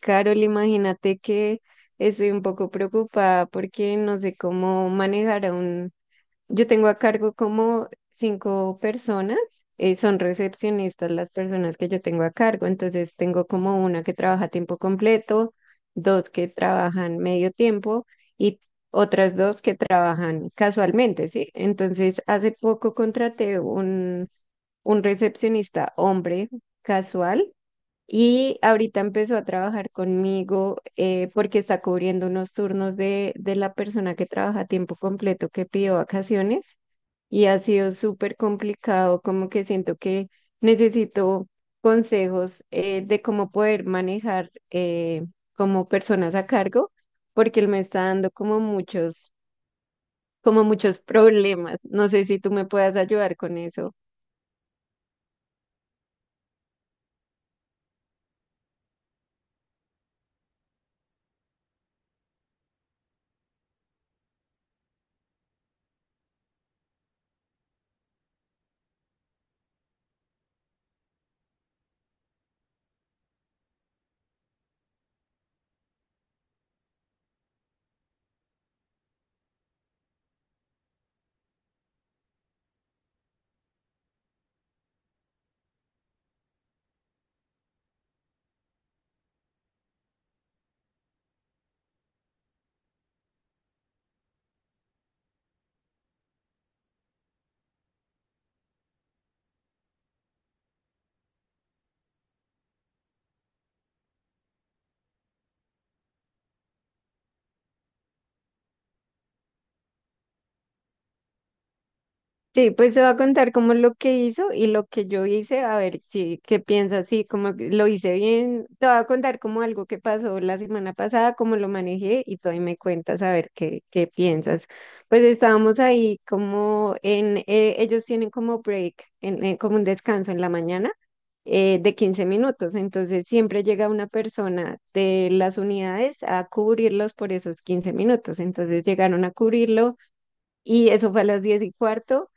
Carol, imagínate que estoy un poco preocupada porque no sé cómo manejar. Yo tengo a cargo como cinco personas, son recepcionistas las personas que yo tengo a cargo. Entonces tengo como una que trabaja a tiempo completo, dos que trabajan medio tiempo y otras dos que trabajan casualmente, ¿sí? Entonces, hace poco contraté un recepcionista hombre casual y ahorita empezó a trabajar conmigo porque está cubriendo unos turnos de la persona que trabaja a tiempo completo que pidió vacaciones. Y ha sido súper complicado, como que siento que necesito consejos de cómo poder manejar como personas a cargo, porque él me está dando como muchos problemas. No sé si tú me puedas ayudar con eso. Sí, pues se va a contar como lo que hizo y lo que yo hice, a ver si qué piensas, sí, como que lo hice bien, te va a contar como algo que pasó la semana pasada, cómo lo manejé y tú ahí me cuentas a ver qué piensas. Pues estábamos ahí como en, ellos tienen como break, como un descanso en la mañana de 15 minutos. Entonces siempre llega una persona de las unidades a cubrirlos por esos 15 minutos, entonces llegaron a cubrirlo. Y eso fue a las 10:15.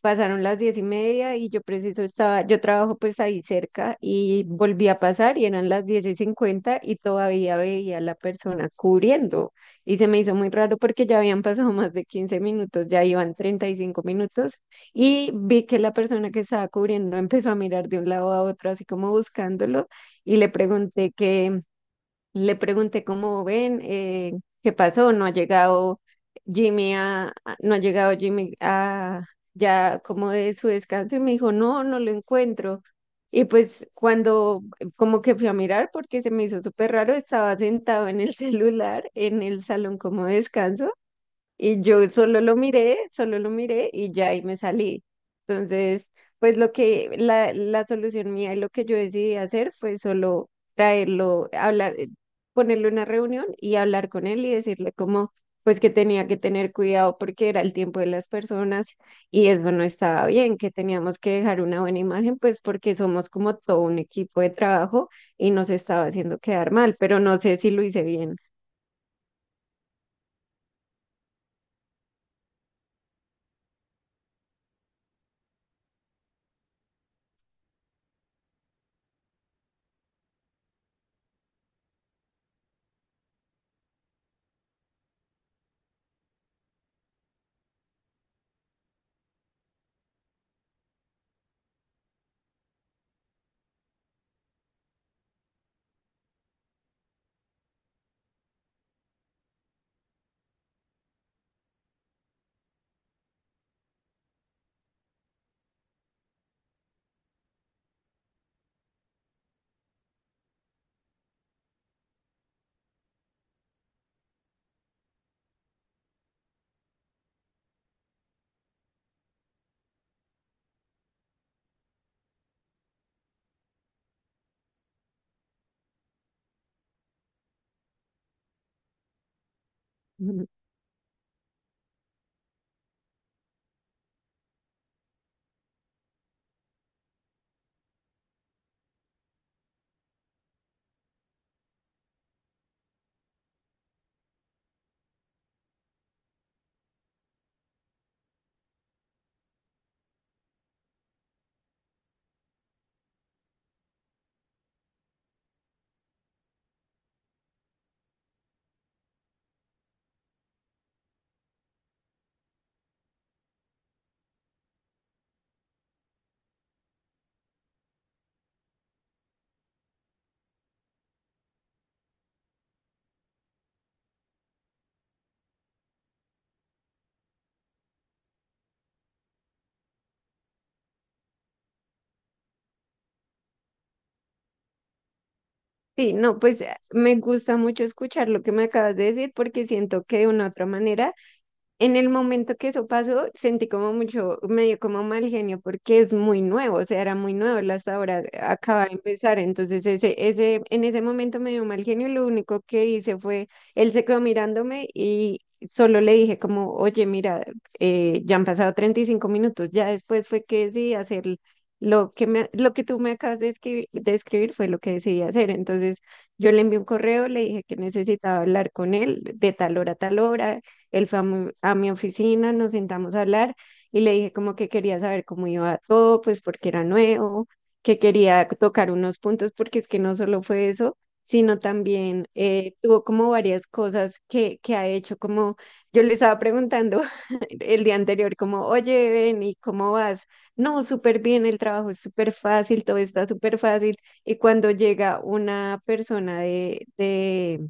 Pasaron las 10:30 y yo preciso estaba, yo trabajo pues ahí cerca y volví a pasar y eran las 10:50 y todavía veía a la persona cubriendo, y se me hizo muy raro porque ya habían pasado más de 15 minutos, ya iban 35 minutos. Y vi que la persona que estaba cubriendo empezó a mirar de un lado a otro así como buscándolo, y le pregunté cómo ven, qué pasó, no ha llegado Jimmy a- no ha llegado Jimmy a ya como de su descanso. Y me dijo, no, no lo encuentro. Y pues cuando como que fui a mirar porque se me hizo súper raro, estaba sentado en el celular en el salón como de descanso. Y yo solo lo miré y ya ahí me salí. Entonces, pues lo que la solución mía y lo que yo decidí hacer fue solo traerlo, hablar, ponerle una reunión y hablar con él y decirle como, pues que tenía que tener cuidado porque era el tiempo de las personas y eso no estaba bien, que teníamos que dejar una buena imagen, pues porque somos como todo un equipo de trabajo y nos estaba haciendo quedar mal, pero no sé si lo hice bien. Sí, no, pues me gusta mucho escuchar lo que me acabas de decir porque siento que de una u otra manera en el momento que eso pasó, sentí como mucho, medio como mal genio, porque es muy nuevo, o sea, era muy nuevo, la hasta ahora acaba de empezar, entonces en ese momento me dio mal genio, y lo único que hice fue, él se quedó mirándome y solo le dije como, oye, mira, ya han pasado 35 minutos. Ya después fue que decidí hacer lo que tú me acabas de escribir, fue lo que decidí hacer. Entonces yo le envié un correo, le dije que necesitaba hablar con él de tal hora a tal hora. Él fue a mi oficina, nos sentamos a hablar y le dije como que quería saber cómo iba todo, pues porque era nuevo, que quería tocar unos puntos, porque es que no solo fue eso, sino también tuvo como varias cosas que ha hecho, como yo le estaba preguntando el día anterior, como, oye, ven, ¿y cómo vas? No, súper bien, el trabajo es súper fácil, todo está súper fácil. Y cuando llega una persona de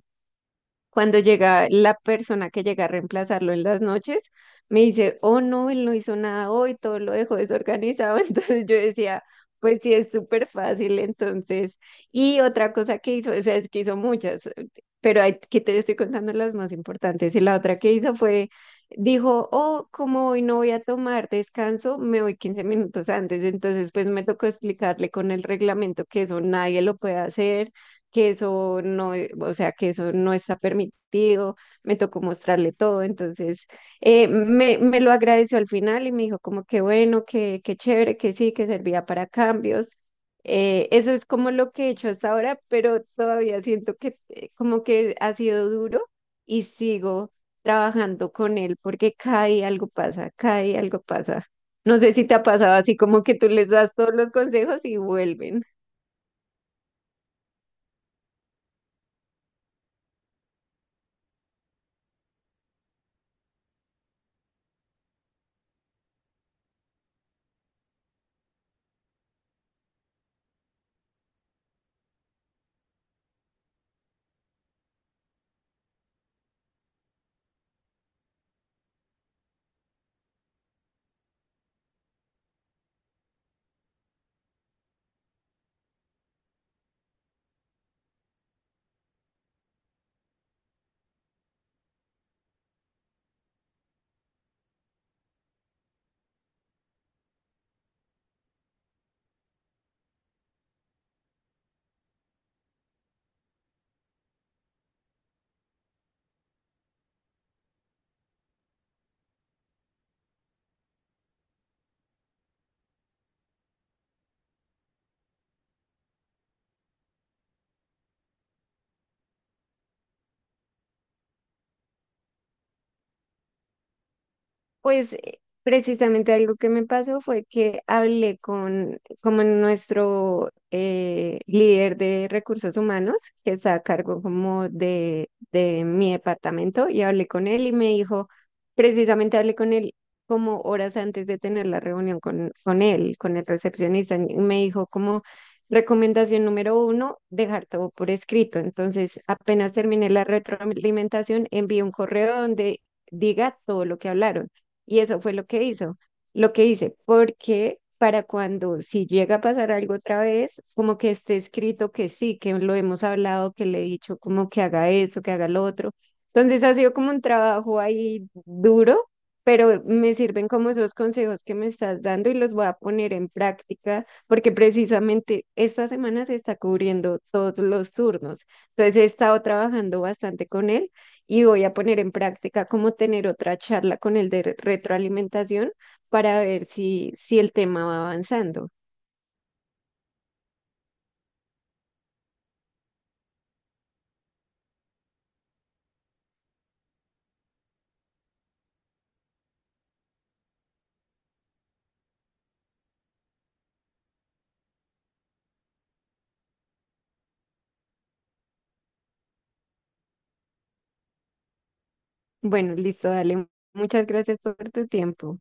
cuando llega la persona que llega a reemplazarlo en las noches, me dice, oh no, él no hizo nada hoy, todo lo dejó desorganizado. Entonces yo decía, pues sí, es súper fácil. Entonces, y otra cosa que hizo, o sea, es que hizo muchas, pero hay, que te estoy contando las más importantes. Y la otra que hizo fue, dijo, oh, como hoy no voy a tomar descanso, me voy 15 minutos antes. Entonces, pues me tocó explicarle con el reglamento que eso nadie lo puede hacer, que eso no, o sea, que eso no está permitido, me tocó mostrarle todo. Entonces me lo agradeció al final y me dijo como que bueno, que chévere, que sí, que servía para cambios. Eso es como lo que he hecho hasta ahora, pero todavía siento que como que ha sido duro y sigo trabajando con él porque cada día algo pasa, cada día algo pasa. No sé si te ha pasado así como que tú les das todos los consejos y vuelven. Pues precisamente algo que me pasó fue que hablé con como nuestro líder de recursos humanos, que está a cargo como de mi departamento, y hablé con él y me dijo, precisamente hablé con él como horas antes de tener la reunión con él, con el recepcionista, y me dijo como recomendación número uno, dejar todo por escrito. Entonces, apenas terminé la retroalimentación, envié un correo donde diga todo lo que hablaron y eso fue lo que hizo, lo que hice, porque para cuando si llega a pasar algo otra vez, como que esté escrito que sí, que lo hemos hablado, que le he dicho como que haga eso, que haga lo otro. Entonces ha sido como un trabajo ahí duro, pero me sirven como esos consejos que me estás dando y los voy a poner en práctica, porque precisamente esta semana se está cubriendo todos los turnos. Entonces he estado trabajando bastante con él y voy a poner en práctica como tener otra charla con el de retroalimentación para ver si el tema va avanzando. Bueno, listo, dale. Muchas gracias por tu tiempo.